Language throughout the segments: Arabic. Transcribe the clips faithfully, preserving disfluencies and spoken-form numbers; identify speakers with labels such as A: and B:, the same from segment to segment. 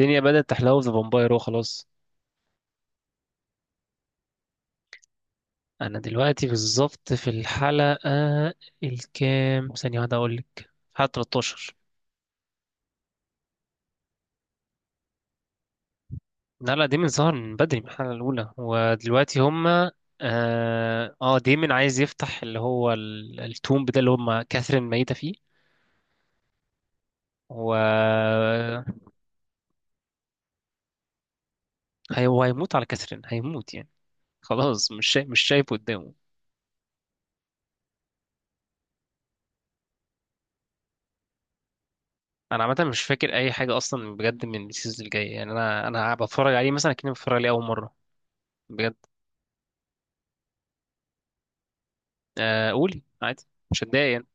A: الدنيا بدأت تحلو في ذا فامباير. هو خلاص. انا دلوقتي بالظبط في الحلقة الكام، ثانية واحدة اقول لك. حلقة تلاتاشر. لا لا، ديمن ظهر من بدري من الحلقة الأولى، ودلوقتي هما اه آه، ديمن عايز يفتح اللي هو ال- التومب ده اللي هما كاثرين ميتة فيه. و هي- هو هيموت على كاثرين، هيموت يعني. خلاص مش شايف مش شايف قدامه. انا عامه مش فاكر اي حاجه اصلا بجد من السيزون الجاي، يعني انا انا بتفرج عليه مثلا كأني بتفرج عليه اول مره بجد. آه، قولي عادي، مش هتضايق يعني.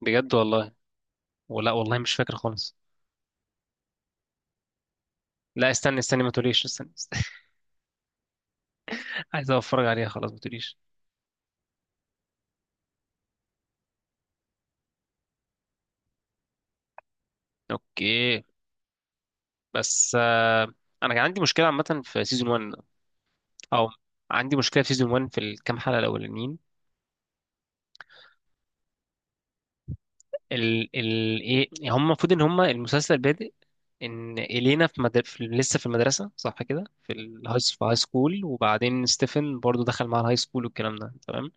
A: بجد والله، ولا والله مش فاكر خالص. لا استني استني ما تقوليش، استني، استني. عايز اتفرج عليها، خلاص ما تقوليش. اوكي، بس آه، انا كان عندي مشكله عامه في سيزون واحد، او عندي مشكله في سيزون واحد في الكام حلقه الاولانيين. ال ال ايه، هم المفروض ان هم المسلسل بادئ ان الينا في, مد... في، لسه في المدرسه، صح كده؟ في الهاي في هاي سكول، وبعدين ستيفن برضو دخل مع الهاي سكول والكلام ده تمام.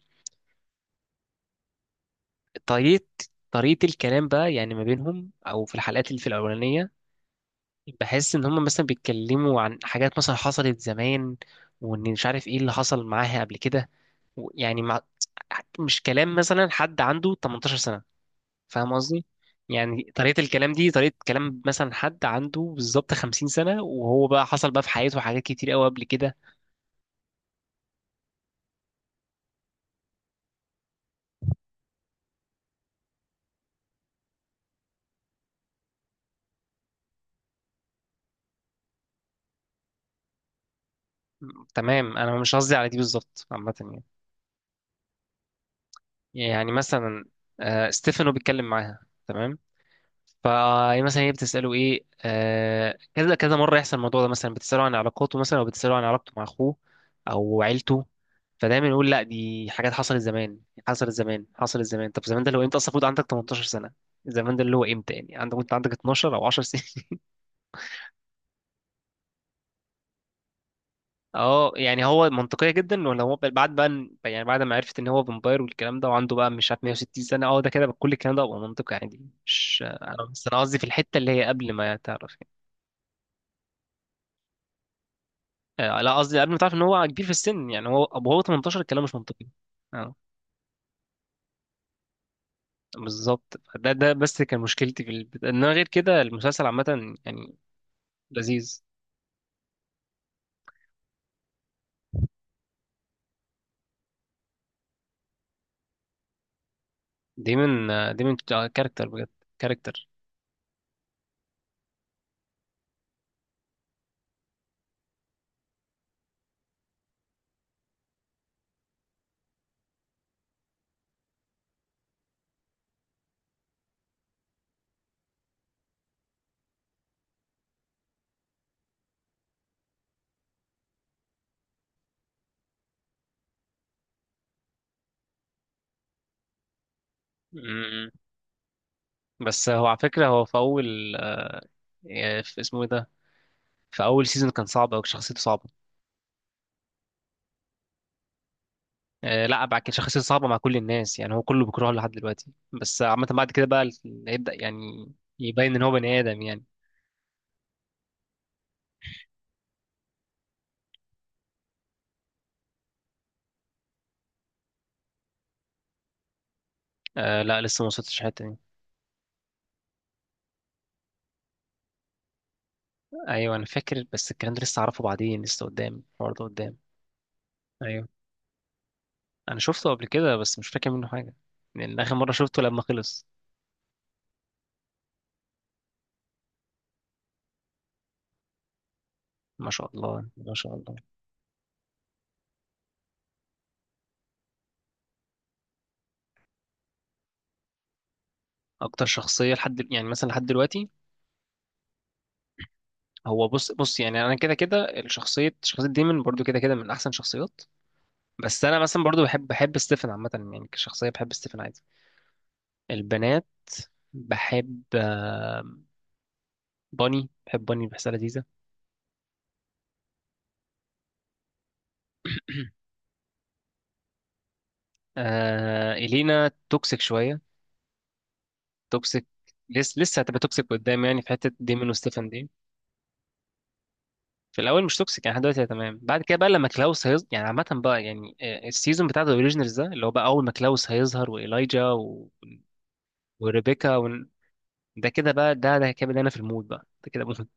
A: طريقة طريقة الكلام بقى يعني ما بينهم، أو في الحلقات اللي في الأولانية، بحس إن هما مثلا بيتكلموا عن حاجات مثلا حصلت زمان، وإن مش عارف إيه اللي حصل معاها قبل كده. و- يعني مع مش كلام مثلا حد عنده تمنتاشر سنة. فاهم قصدي؟ يعني طريقة الكلام دي طريقة كلام مثلا حد عنده بالظبط خمسين سنة، وهو بقى حصل بقى في حياته حاجات كتير قوي قبل كده. تمام، أنا مش قصدي على دي بالظبط، عامة يعني يعني مثلا، آه، ستيفانو بيتكلم معاها تمام، فمثلا هي بتسأله ايه، آه كذا كذا مرة يحصل الموضوع ده، مثلا بتسأله عن علاقاته، مثلا او بتسأله عن علاقته مع اخوه او عيلته، فدايما يقول لا دي حاجات حصلت زمان، حصلت زمان، حصلت زمان. طب زمان ده لو انت اصلا المفروض عندك تمنتاشر سنة، زمان ده اللي هو امتى يعني؟ عندك كنت عندك اتناشر او عشر سنين. اه يعني هو منطقية جدا، ولا هو بعد بقى إن- يعني بعد ما عرفت ان هو فامباير والكلام ده وعنده بقى مش عارف مية وستين سنة، اه ده كده كل الكلام ده بقى منطقي عادي. مش انا بس انا قصدي في الحتة اللي هي قبل ما تعرف. آه، لا قصدي قبل ما تعرف ان هو كبير في السن، يعني هو وهو تمنتاشر الكلام مش منطقي. اه بالظبط. ده ده بس كان مشكلتي في ال... انما غير كده المسلسل عامة يعني لذيذ. دايما آه، دايما كاركتر بجد، كاركتر. مم. بس هو على فكرة هو في أول، آه، في اسمه ايه ده، في أول سيزون كان صعب أوي، شخصيته صعبة. آه، لا بعد كده شخصيته صعبة مع كل الناس يعني، هو كله بيكرهه لحد دلوقتي، بس عامة بعد كده بقى ال- هيبدأ يعني يبين إن هو بني آدم يعني. آه، لا لسه ما وصلتش الحتة دي. ايوه انا فاكر، بس الكلام ده لسه اعرفه بعدين، لسه قدام، الحوار ده قدام. ايوه انا شفته قبل كده، بس مش فاكر منه حاجه، لان اخر مره شفته لما خلص. ما شاء الله ما شاء الله. اكتر شخصيه لحد يعني مثلا لحد دلوقتي، هو بص بص، يعني انا كده كده الشخصيه، شخصيه ديمون برضو كده كده من احسن شخصيات. بس انا مثلا برضو بحب بحب ستيفن عامه يعني، كشخصيه بحب ستيفن عادي. البنات بحب باني، بحب باني بحسها لذيذه. آه إلينا توكسيك شويه، توكسيك. لسه لسه هتبقى توكسيك قدام، يعني في حته ديمون وستيفن دي. في الاول مش توكسيك، يعني لحد دلوقتي هي تمام. بعد كده بقى لما كلاوس هيظهر يعني، عامه بقى يعني، آه، السيزون بتاع ذا اوريجينالز ده اللي هو بقى اول ما كلاوس هيظهر وايلايجا و... وريبيكا ون... ده كده بقى. ده ده كده بدأنا في المود بقى، ده كده مود.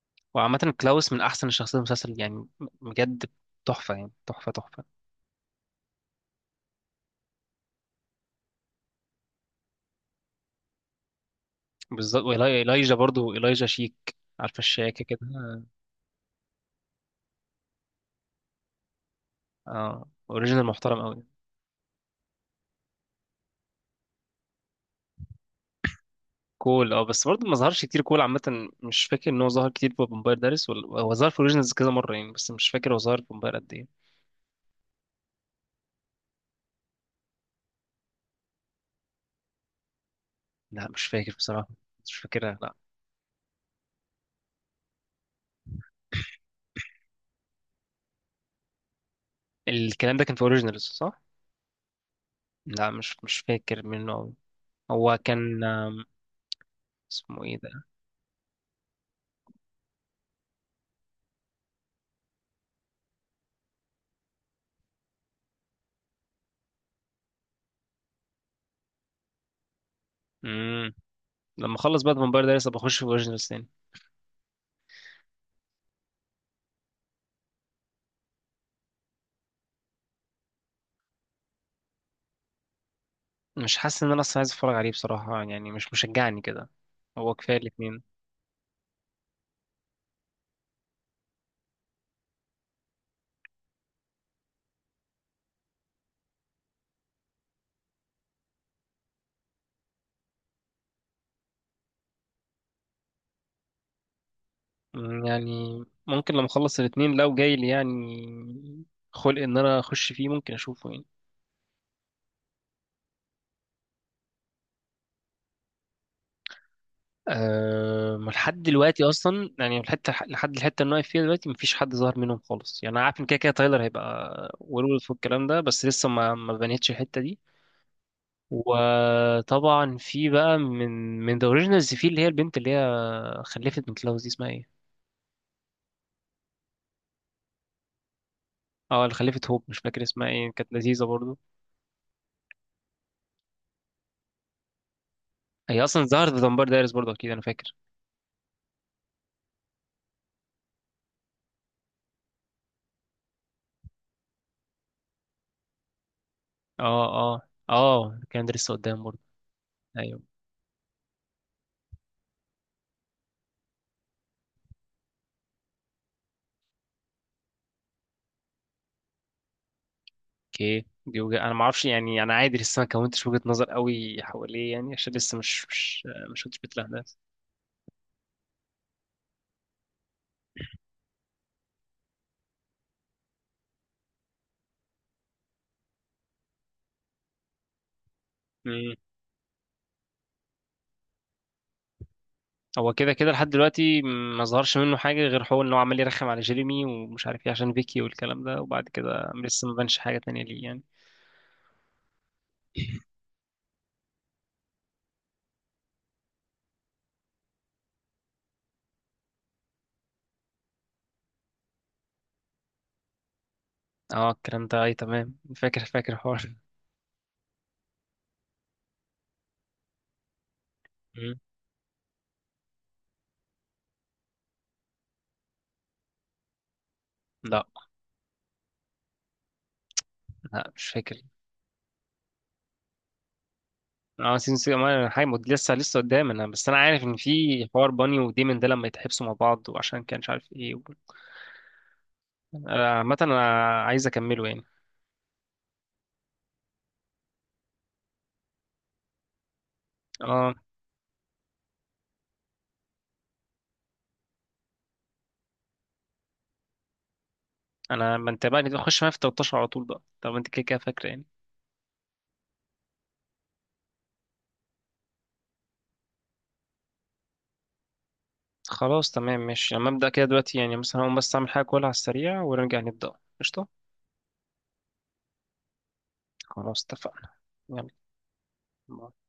A: وعامه كلاوس من احسن الشخصيات المسلسل يعني، م- بجد تحفه يعني، تحفه تحفه. بالظبط، وايلايجا برضو، ايلايجا شيك، عارفه الشياكه كده. اه اوريجينال محترم قوي. كول، اه، بس برضه ما ظهرش كتير. كول عامة مش فاكر ان هو ظهر كتير في فامباير دارس، ولا هو ظهر في اوريجينالز كذا مرة يعني، بس مش فاكر هو ظهر في فامباير قد ايه. لا مش فاكر بصراحة. مش فاكرها لا. الكلام ده كان في اوريجينالز، صح؟ لا مش مش فاكر منه أوي. هو كان، آم، اسمه ايه ده؟ امم لما اخلص بقى فامباير دارس ابقى اخش في اوريجينالز تاني. مش حاسس ان انا اصلا عايز اتفرج عليه بصراحة يعني، مش مشجعني كده، هو كفاية الاتنين. مم، يعني ممكن لما اخلص الاتنين لو جاي لي يعني خلق ان انا اخش فيه، ممكن اشوفه يعني. أه لحد دلوقتي اصلا يعني الحته، لحد الحته اللي أنا واقف فيها دلوقتي مفيش حد ظهر منهم خالص، يعني انا عارف ان كده كده تايلر هيبقى ويرولف والكلام ده، بس لسه ما ما بنيتش الحته دي. وطبعا في بقى من، من ذا اوريجينالز، في اللي هي البنت اللي هي خلفت من كلاوس دي، اسمها ايه؟ اه اللي خلفت هوب، مش فاكر اسمها ايه، كانت لذيذه برضو. هي اصلا ظهرت في دمبار دايرس برضو اكيد انا فاكر. اه، اه، اه كان ده لسه قدام برضو. أيوة. اوكي دي وجهة، انا ما اعرفش يعني، انا عادي لسه ما كونتش وجهة نظر قوي حواليه، يعني عشان لسه مش مش مش كنتش بتلهدها. امم هو كده كده لحد دلوقتي ما ظهرش منه حاجة، غير هو ان هو عمال يرخم على جيريمي ومش عارف ايه عشان فيكي والكلام ده، وبعد كده لسه ما بانش حاجة تانية ليه يعني. اه الكلام ده اي تمام، فاكر فاكر الحوار. مم. لا لا مش فاكر. اه سيزون ستة، ما- حاجة مد- لسه لسه قدام انا، بس انا عارف ان في حوار باني وديمن ده لما يتحبسوا مع بعض وعشان كان مش عارف ايه و- آه، عامة انا عايز اكمله يعني. اه انا ما انت بقى نخش معايا في تلاتاشر على طول بقى، طب انت كده كده فاكره يعني. خلاص تمام ماشي، لما ابدا كده دلوقتي يعني مثلا، هقوم بس اعمل حاجه كلها على السريع ونرجع نبدا. قشطه. خلاص اتفقنا. يلا.